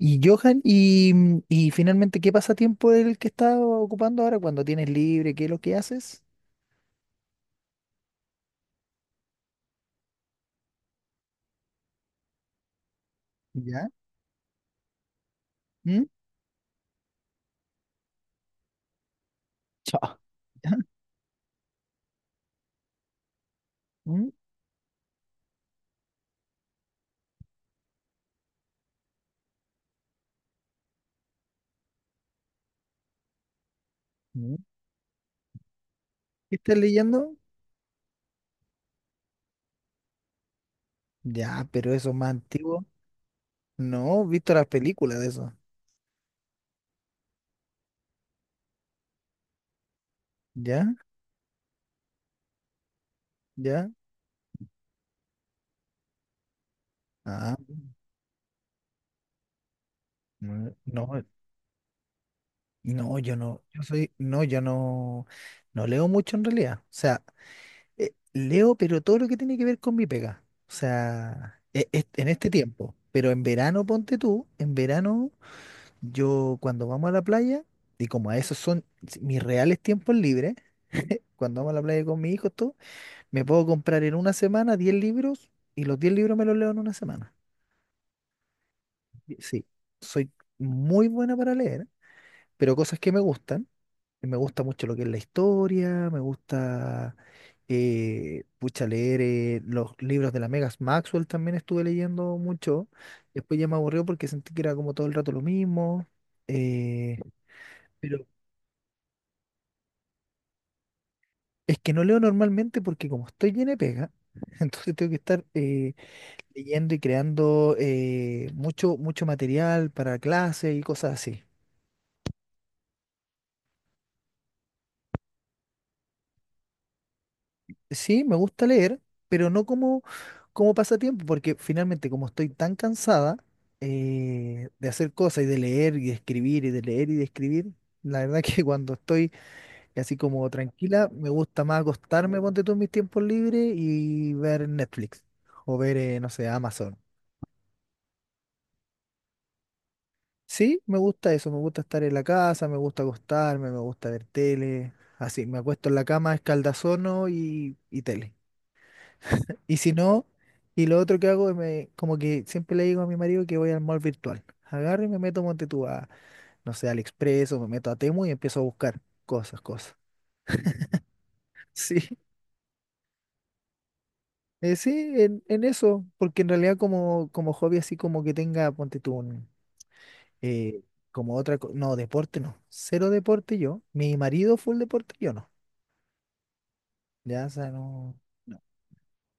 Y Johan, y finalmente, ¿qué pasatiempo es el que estás ocupando ahora cuando tienes libre? ¿Qué es lo que haces? ¿Ya? ¿Mm? Chao. ¿Ya? ¿Mm? ¿Mm? ¿Qué estás leyendo? Ya, pero eso es más antiguo. No, he visto las películas de eso. ¿Ya? ¿Ya? Ah, no, no, yo no, yo soy, no, yo no, no leo mucho en realidad. O sea, leo, pero todo lo que tiene que ver con mi pega. O sea, en este tiempo. Pero en verano, ponte tú, en verano. Yo cuando vamos a la playa, y como a esos son mis reales tiempos libres, cuando vamos a la playa con mi hijo todo, me puedo comprar en una semana 10 libros y los 10 libros me los leo en una semana. Y sí, soy muy buena para leer, pero cosas que me gustan. Y me gusta mucho lo que es la historia, me gusta, pucha, leer los libros de la Megas Maxwell también estuve leyendo mucho. Después ya me aburrió porque sentí que era como todo el rato lo mismo. eh, Es que no leo normalmente porque como estoy lleno de pega, entonces tengo que estar leyendo y creando mucho material para clases y cosas así. Sí, me gusta leer, pero no como, como pasatiempo, porque finalmente como estoy tan cansada de hacer cosas y de leer y de escribir y de leer y de escribir, la verdad que cuando estoy así como tranquila, me gusta más acostarme, ponte tú en mis tiempos libres y ver Netflix o ver, no sé, Amazon. Sí, me gusta eso, me gusta estar en la casa, me gusta acostarme, me gusta ver tele, así, me acuesto en la cama, escaldazono y tele. Y si no, y lo otro que hago, es me, como que siempre le digo a mi marido que voy al mall virtual. Agarro y me meto, monte tú a, no sé, AliExpress o me meto a Temu y empiezo a buscar cosas. Sí, sí, en eso, porque en realidad como hobby así como que tenga, ponte tú un... eh, como otra, no, deporte no, cero deporte yo, mi marido full deporte yo no. Ya, o sea, no, no.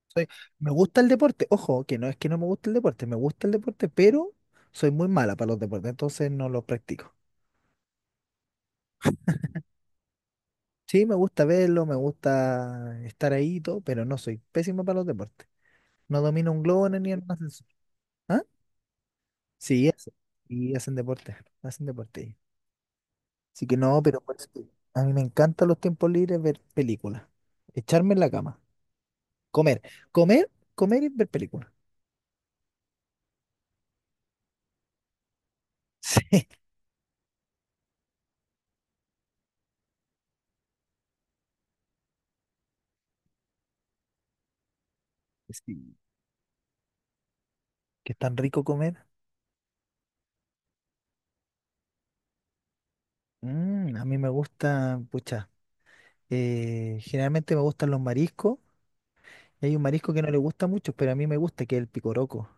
Soy, me gusta el deporte. Ojo, que no es que no me guste el deporte, me gusta el deporte, pero soy muy mala para los deportes, entonces no los practico. Sí, me gusta verlo, me gusta estar ahí y todo, pero no soy pésimo para los deportes. No domino un globo ni en un ascensor. ¿Ah? Sí, hacen, y hacen deporte, hacen deporte. Así que no, pero por eso te digo, a mí me encantan los tiempos libres ver películas, echarme en la cama, comer, comer y ver películas. Sí, sí, que es tan rico comer. Mm, a mí me gusta, pucha, generalmente me gustan los mariscos. Hay un marisco que no le gusta mucho, pero a mí me gusta, que es el picoroco.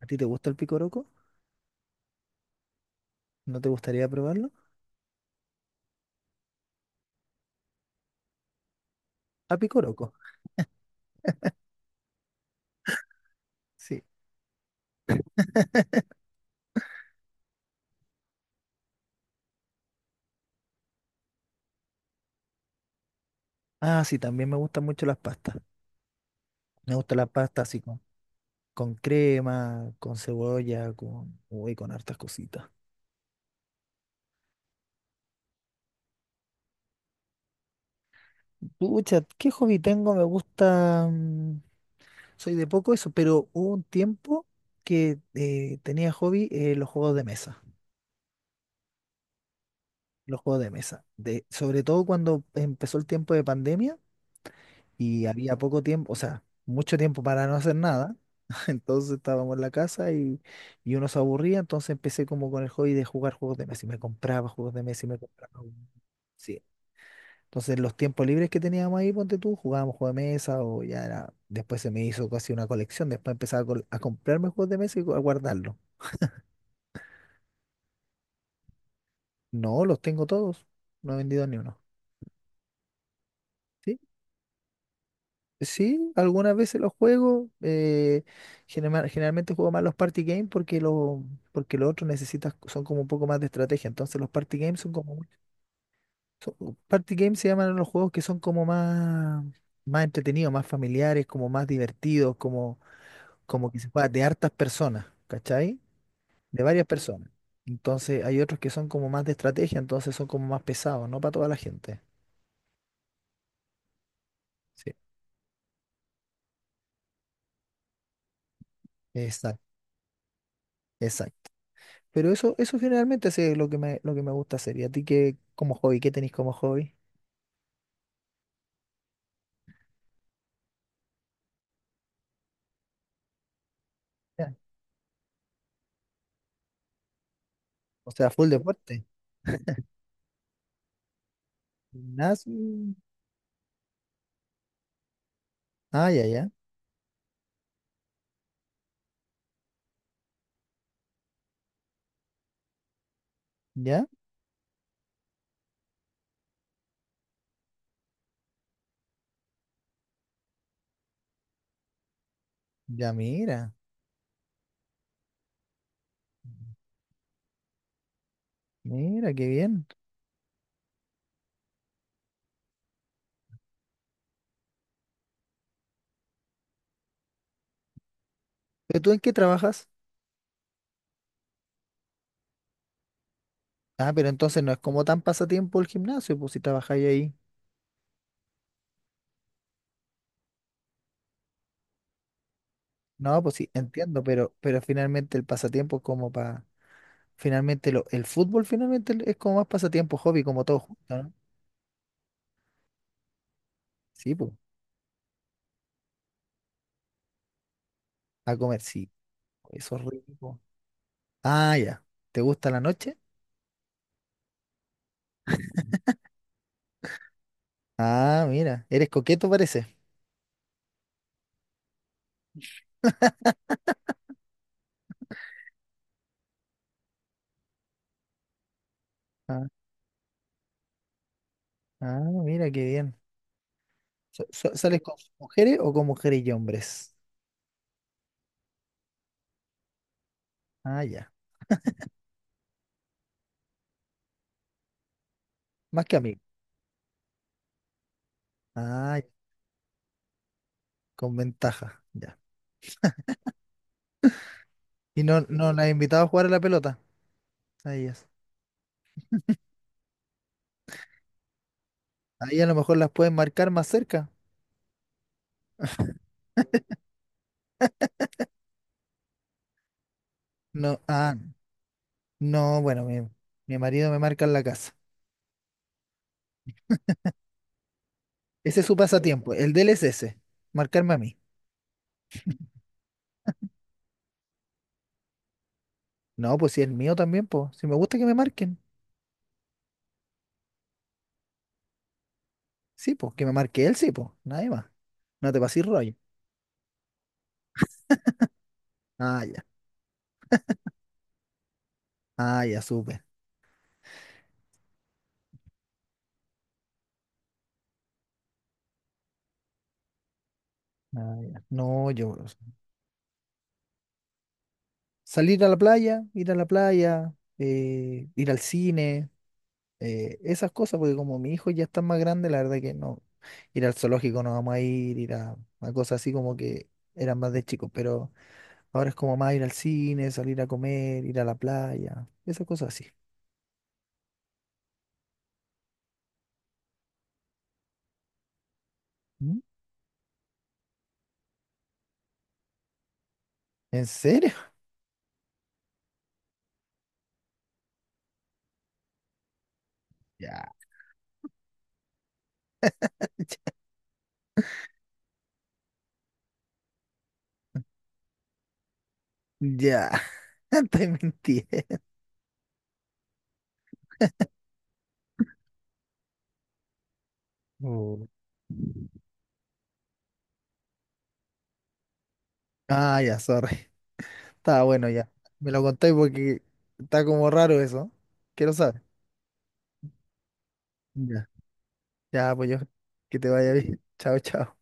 ¿A ti te gusta el picoroco? ¿No te gustaría probarlo? A picoroco, sí. Ah, sí, también me gustan mucho las pastas. Me gustan las pastas así Con crema, con cebolla, con, uy, con hartas cositas. Pucha, ¿qué hobby tengo? Me gusta, mm, soy de poco eso, pero hubo un tiempo que tenía hobby los juegos de mesa. Los juegos de mesa. De, sobre todo cuando empezó el tiempo de pandemia y había poco tiempo, o sea, mucho tiempo para no hacer nada. Entonces estábamos en la casa y uno se aburría, entonces empecé como con el hobby de jugar juegos de mesa y me compraba juegos de mesa y me compraba. Sí. Entonces los tiempos libres que teníamos ahí, ponte tú, jugábamos juegos de mesa o ya era, después se me hizo casi una colección, después empezaba a, a comprarme juegos de mesa y a guardarlos. No, los tengo todos, no he vendido ni uno. sí Sí, algunas veces los juego. Generalmente juego más los party games porque los otros necesitas, son como un poco más de estrategia. Entonces los party games son como party games se llaman a los juegos que son como más entretenidos, más familiares, como más divertidos, como como que se juega de hartas personas, ¿cachai? De varias personas. Entonces hay otros que son como más de estrategia, entonces son como más pesados, no para toda la gente. Sí, exacto, exacto. Pero eso generalmente sí es lo que me gusta hacer. ¿Y a ti qué, como hobby, qué tenéis como hobby? Ya. O sea, full deporte. Gimnasio. Ah, ya, ya. Ya, ya, mira. Mira, qué bien. ¿Pero tú en qué trabajas? Ah, pero entonces no es como tan pasatiempo el gimnasio, pues si trabajáis ahí. No, pues sí, entiendo, pero finalmente el pasatiempo es como para... Finalmente lo, el fútbol finalmente es como más pasatiempo, hobby, como todo junto, ¿no? Sí, pues. A comer, sí. Eso es rico. Ah, ya. ¿Te gusta la noche? Ah, mira, eres coqueto parece. Ah, ah, mira, qué bien. ¿Sales con mujeres o con mujeres y hombres? Ah, ya. Más que amigos. Ah, ya, con ventaja, ya. ¿Y no, no las has invitado a jugar a la pelota? A ellas. Ahí a lo mejor las pueden marcar más cerca. No, ah, no, bueno, mi marido me marca en la casa. Ese es su pasatiempo. El de él es ese, marcarme a mí. No, pues si el mío también, pues. Si me gusta que me marquen. Sí, pues, que me marque él, sí, pues. Nadie más. No te pases rollo. Ah, ya. Ah, ya, supe. Ah, ya. No, yo o sea, salir a la playa, ir a la playa, ir al cine, esas cosas, porque como mi hijo ya está más grande, la verdad que no, ir al zoológico no vamos a ir, ir a cosas así como que eran más de chicos, pero ahora es como más ir al cine, salir a comer, ir a la playa, esas cosas así. ¿Mm? ¿En serio? Ya, ya, te mentí. Oh. Ah, ya, sorry. Está bueno ya. Me lo contáis porque está como raro eso. Quiero saber. Ya. Ya, pues yo, que te vaya bien. Chao, chao.